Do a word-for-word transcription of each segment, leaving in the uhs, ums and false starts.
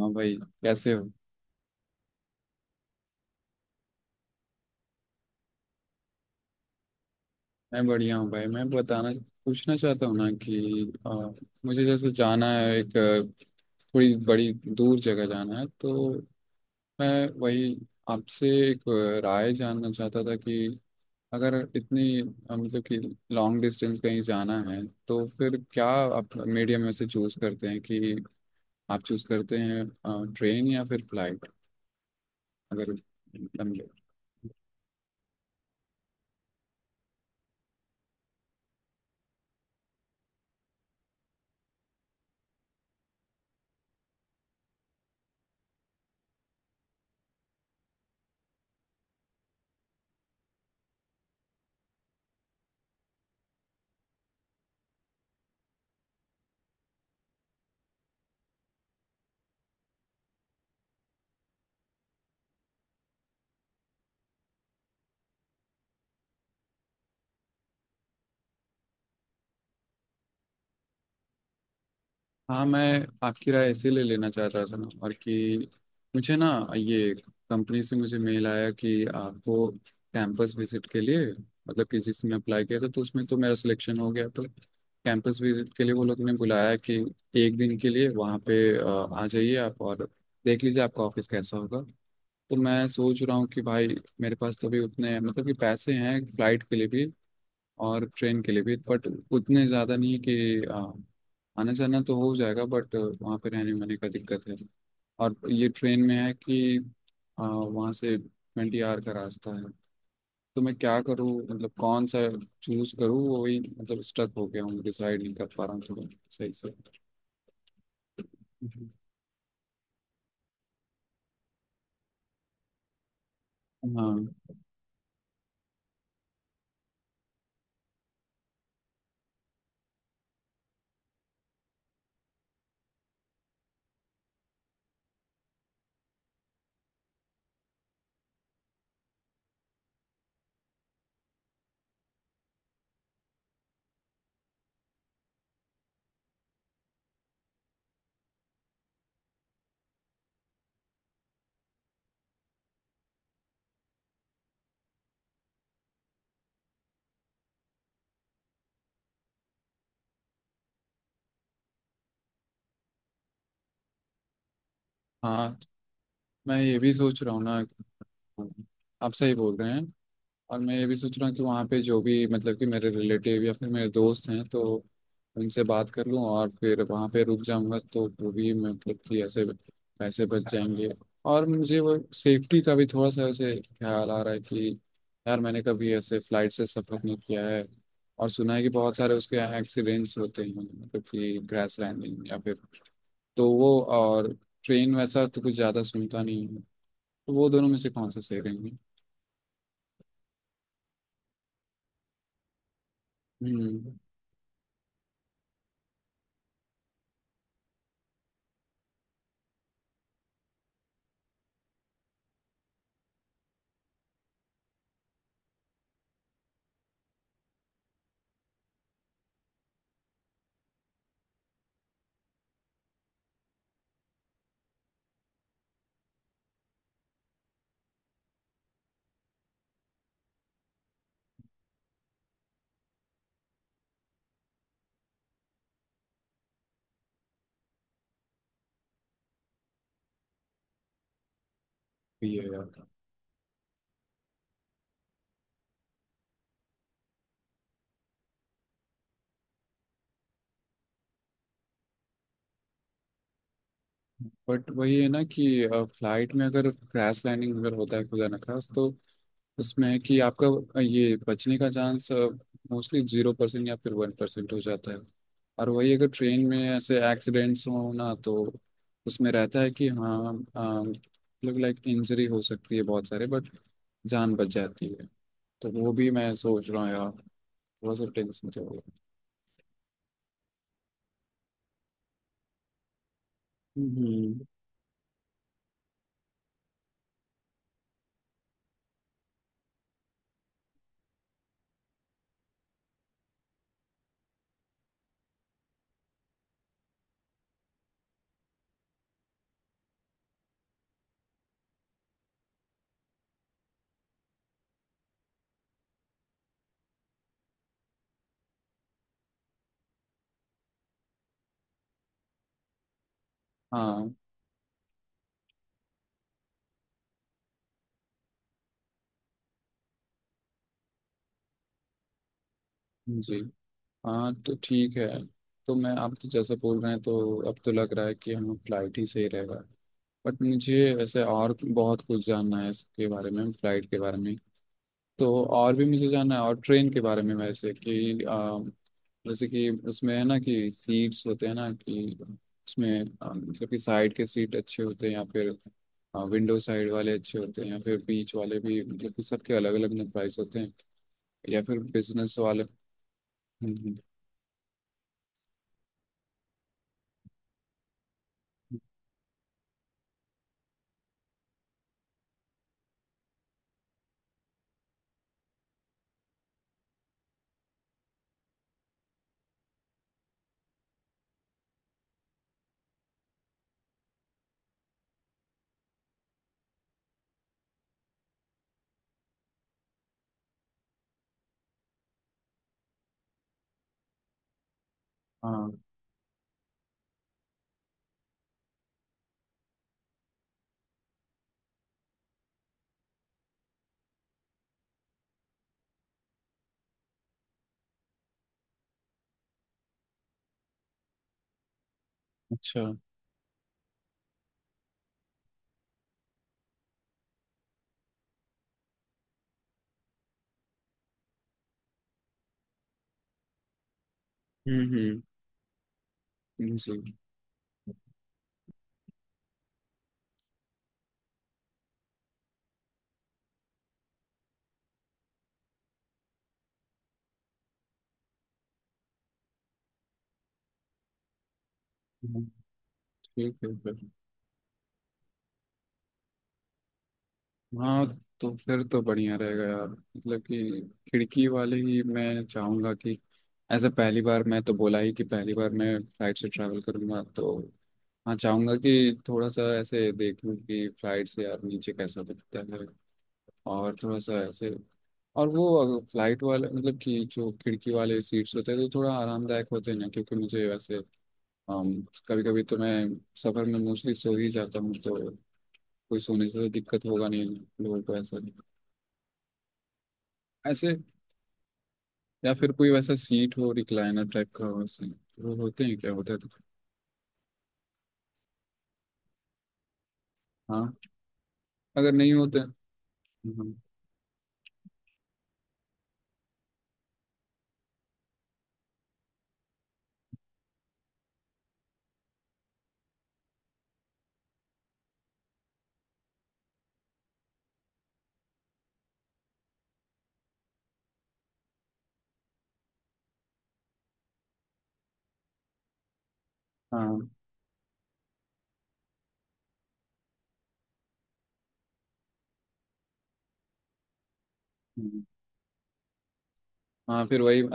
हाँ भाई। कैसे हो? मैं बढ़िया हूँ भाई। मैं बताना पूछना चाहता हूँ ना कि आ, मुझे जैसे जाना है, एक आ, थोड़ी बड़ी दूर जगह जाना है, तो मैं वही आपसे एक आ, राय जानना चाहता था कि अगर इतनी आ, मतलब कि लॉन्ग डिस्टेंस कहीं जाना है तो फिर क्या आप मीडियम में से चूज़ करते हैं, कि आप चूज़ करते हैं ट्रेन या फिर फ्लाइट? अगर मतलब, हाँ मैं आपकी राय इसीलिए लेना चाहता था ना, और कि मुझे ना ये कंपनी से मुझे मेल आया कि आपको कैंपस विजिट के लिए, मतलब कि जिसमें अप्लाई किया था, तो उसमें तो मेरा सिलेक्शन हो गया, तो कैंपस विजिट के लिए वो लोग ने बुलाया कि एक दिन के लिए वहाँ पे अ, आ जाइए आप और देख लीजिए आपका ऑफिस कैसा होगा। तो मैं सोच रहा हूँ कि भाई, मेरे पास तो अभी उतने मतलब कि पैसे हैं फ्लाइट के लिए भी और ट्रेन के लिए भी, बट उतने ज़्यादा नहीं है कि अ, आना जाना तो हो जाएगा, बट वहाँ पे रहने वहने का दिक्कत है। और ये ट्रेन में है कि अ, वहाँ से ट्वेंटी आवर का रास्ता है। तो मैं क्या करूँ, मतलब कौन सा चूज करूँ, वही मतलब स्टक हो गया हूँ, डिसाइड नहीं कर पा रहा हूँ थोड़ा सही से। हम्म। हाँ, हाँ, मैं ये भी सोच रहा हूँ ना, आप सही बोल रहे हैं। और मैं ये भी सोच रहा हूँ कि वहाँ पे जो भी मतलब कि मेरे रिलेटिव या फिर मेरे दोस्त हैं, तो उनसे बात कर लूँ और फिर वहाँ पे रुक जाऊँगा, तो वो भी मतलब कि ऐसे पैसे बच जाएंगे। और मुझे वो सेफ्टी का भी थोड़ा सा ऐसे ख्याल आ रहा है कि यार मैंने कभी ऐसे फ्लाइट से सफ़र नहीं किया है, और सुना है कि बहुत सारे उसके एक्सीडेंट्स होते हैं, मतलब कि क्रैश लैंडिंग या फिर, तो वो, और ट्रेन वैसा तो कुछ ज़्यादा सुनता नहीं है। तो वो दोनों में से कौन सा सही रहेंगे? हम्म, ये है यार। बट वही है ना कि फ्लाइट में अगर क्रैश लैंडिंग अगर होता है खुदा न खास्त, तो उसमें है कि आपका अ, ये बचने का चांस मोस्टली जीरो परसेंट या फिर वन परसेंट हो जाता है। और वही अगर ट्रेन में ऐसे एक्सीडेंट्स हो ना, तो उसमें रहता है कि हाँ अ, मतलब लाइक इंजरी हो सकती है बहुत सारे, बट जान बच जाती है। तो वो भी मैं सोच रहा हूँ यार, थोड़ा सा टेंशन चल रहा है। हम्म। हाँ। जी। हाँ, तो ठीक है। तो मैं, आप तो जैसे बोल रहे हैं तो अब तो लग रहा है कि हम फ्लाइट ही सही रहेगा। बट मुझे ऐसे और बहुत कुछ जानना है इसके बारे में, फ्लाइट के बारे में। तो और भी मुझे जानना है, और ट्रेन के बारे में वैसे कि आ, जैसे कि उसमें है ना कि सीट्स होते हैं ना, कि उसमें आ, मतलब कि साइड के सीट अच्छे होते हैं या फिर विंडो साइड वाले अच्छे होते हैं या फिर बीच वाले भी, मतलब कि सबके अलग अलग प्राइस होते हैं, या फिर बिजनेस वाले। हम्म, हम्म, हाँ, अच्छा, हम्म, हम्म, जी, हम्म, ठीक है फिर। हाँ, तो फिर तो बढ़िया रहेगा यार, मतलब कि खिड़की वाले ही मैं चाहूँगा कि ऐसे। पहली बार मैं तो बोला ही कि पहली बार मैं फ्लाइट से ट्रैवल करूँगा, तो हाँ चाहूँगा कि थोड़ा सा ऐसे देखूँ कि फ्लाइट से यार नीचे कैसा दिखता है। और थोड़ा सा ऐसे, और वो फ्लाइट वाले मतलब कि जो खिड़की वाले सीट्स होते हैं, तो थोड़ा आरामदायक होते हैं ना, क्योंकि मुझे वैसे कभी कभी तो मैं सफर में मोस्टली सो ही जाता हूँ, तो कोई सोने से तो दिक्कत होगा नहीं, लोगों को ऐसा नहीं ऐसे। या फिर कोई वैसा सीट हो, रिक्लाइनर टाइप का हो वैसे, वो होते हैं क्या होटल? हाँ, अगर नहीं होते। हम्म, हाँ। हम्म। हाँ, फिर वही अ,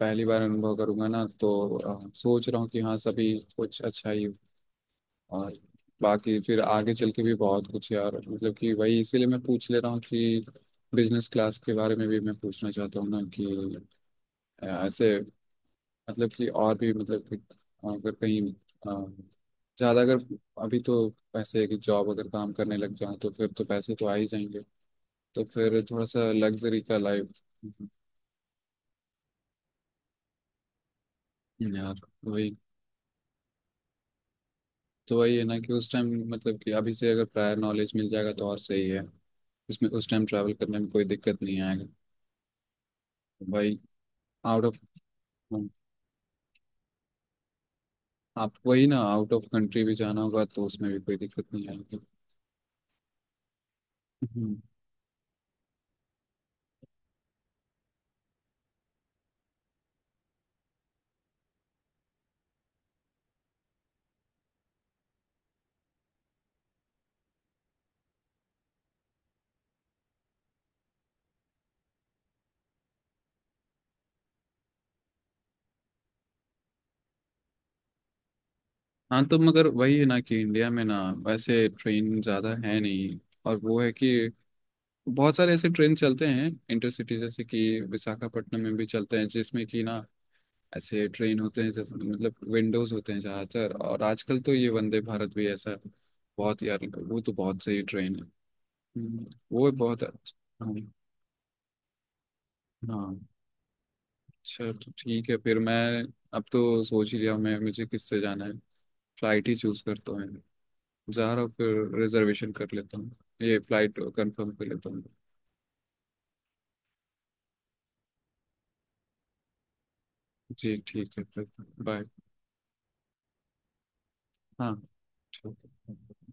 पहली बार अनुभव करूंगा ना, तो अ, सोच रहा हूँ कि हाँ सभी कुछ अच्छा ही हो। और बाकी फिर आगे चल के भी बहुत कुछ यार, मतलब कि वही इसीलिए मैं पूछ ले रहा हूँ कि बिजनेस क्लास के बारे में भी मैं पूछना चाहता हूँ ना कि अ, ऐसे मतलब कि, और भी मतलब कि अगर कहीं अ, ज़्यादा अगर, अभी तो पैसे है, कि जॉब अगर काम करने लग जाऊँ तो फिर तो पैसे तो आ ही जाएंगे। तो फिर थोड़ा सा लग्जरी का लाइफ यार। वही, तो वही है ना कि उस टाइम, मतलब कि अभी से अगर प्रायर नॉलेज मिल जाएगा तो और सही है, इसमें उस टाइम ट्रैवल करने में कोई दिक्कत नहीं आएगा भाई। आउट ऑफ आप, वही ना, आउट ऑफ कंट्री भी जाना होगा तो उसमें भी कोई दिक्कत नहीं आएगी। हाँ, तो मगर वही है ना कि इंडिया में ना वैसे ट्रेन ज़्यादा है नहीं। और वो है कि बहुत सारे ऐसे ट्रेन चलते हैं इंटरसिटी, जैसे कि विशाखापट्टनम में भी चलते हैं जिसमें कि ना ऐसे ट्रेन होते हैं जैसे मतलब विंडोज होते हैं ज़्यादातर। और आजकल तो ये वंदे भारत भी ऐसा बहुत, यार वो तो बहुत सही ट्रेन है। हम्म, वो बहुत अच्छा- हाँ, हाँ। अच्छा तो ठीक है फिर, मैं अब तो सोच ही लिया मैं मुझे किससे जाना है, फ्लाइट ही चूज करता हूँ, जहरा फिर रिजर्वेशन कर लेता हूँ, ये फ्लाइट कंफर्म कर लेता हूँ। जी ठीक है फिर, बाय। हाँ ठीक है।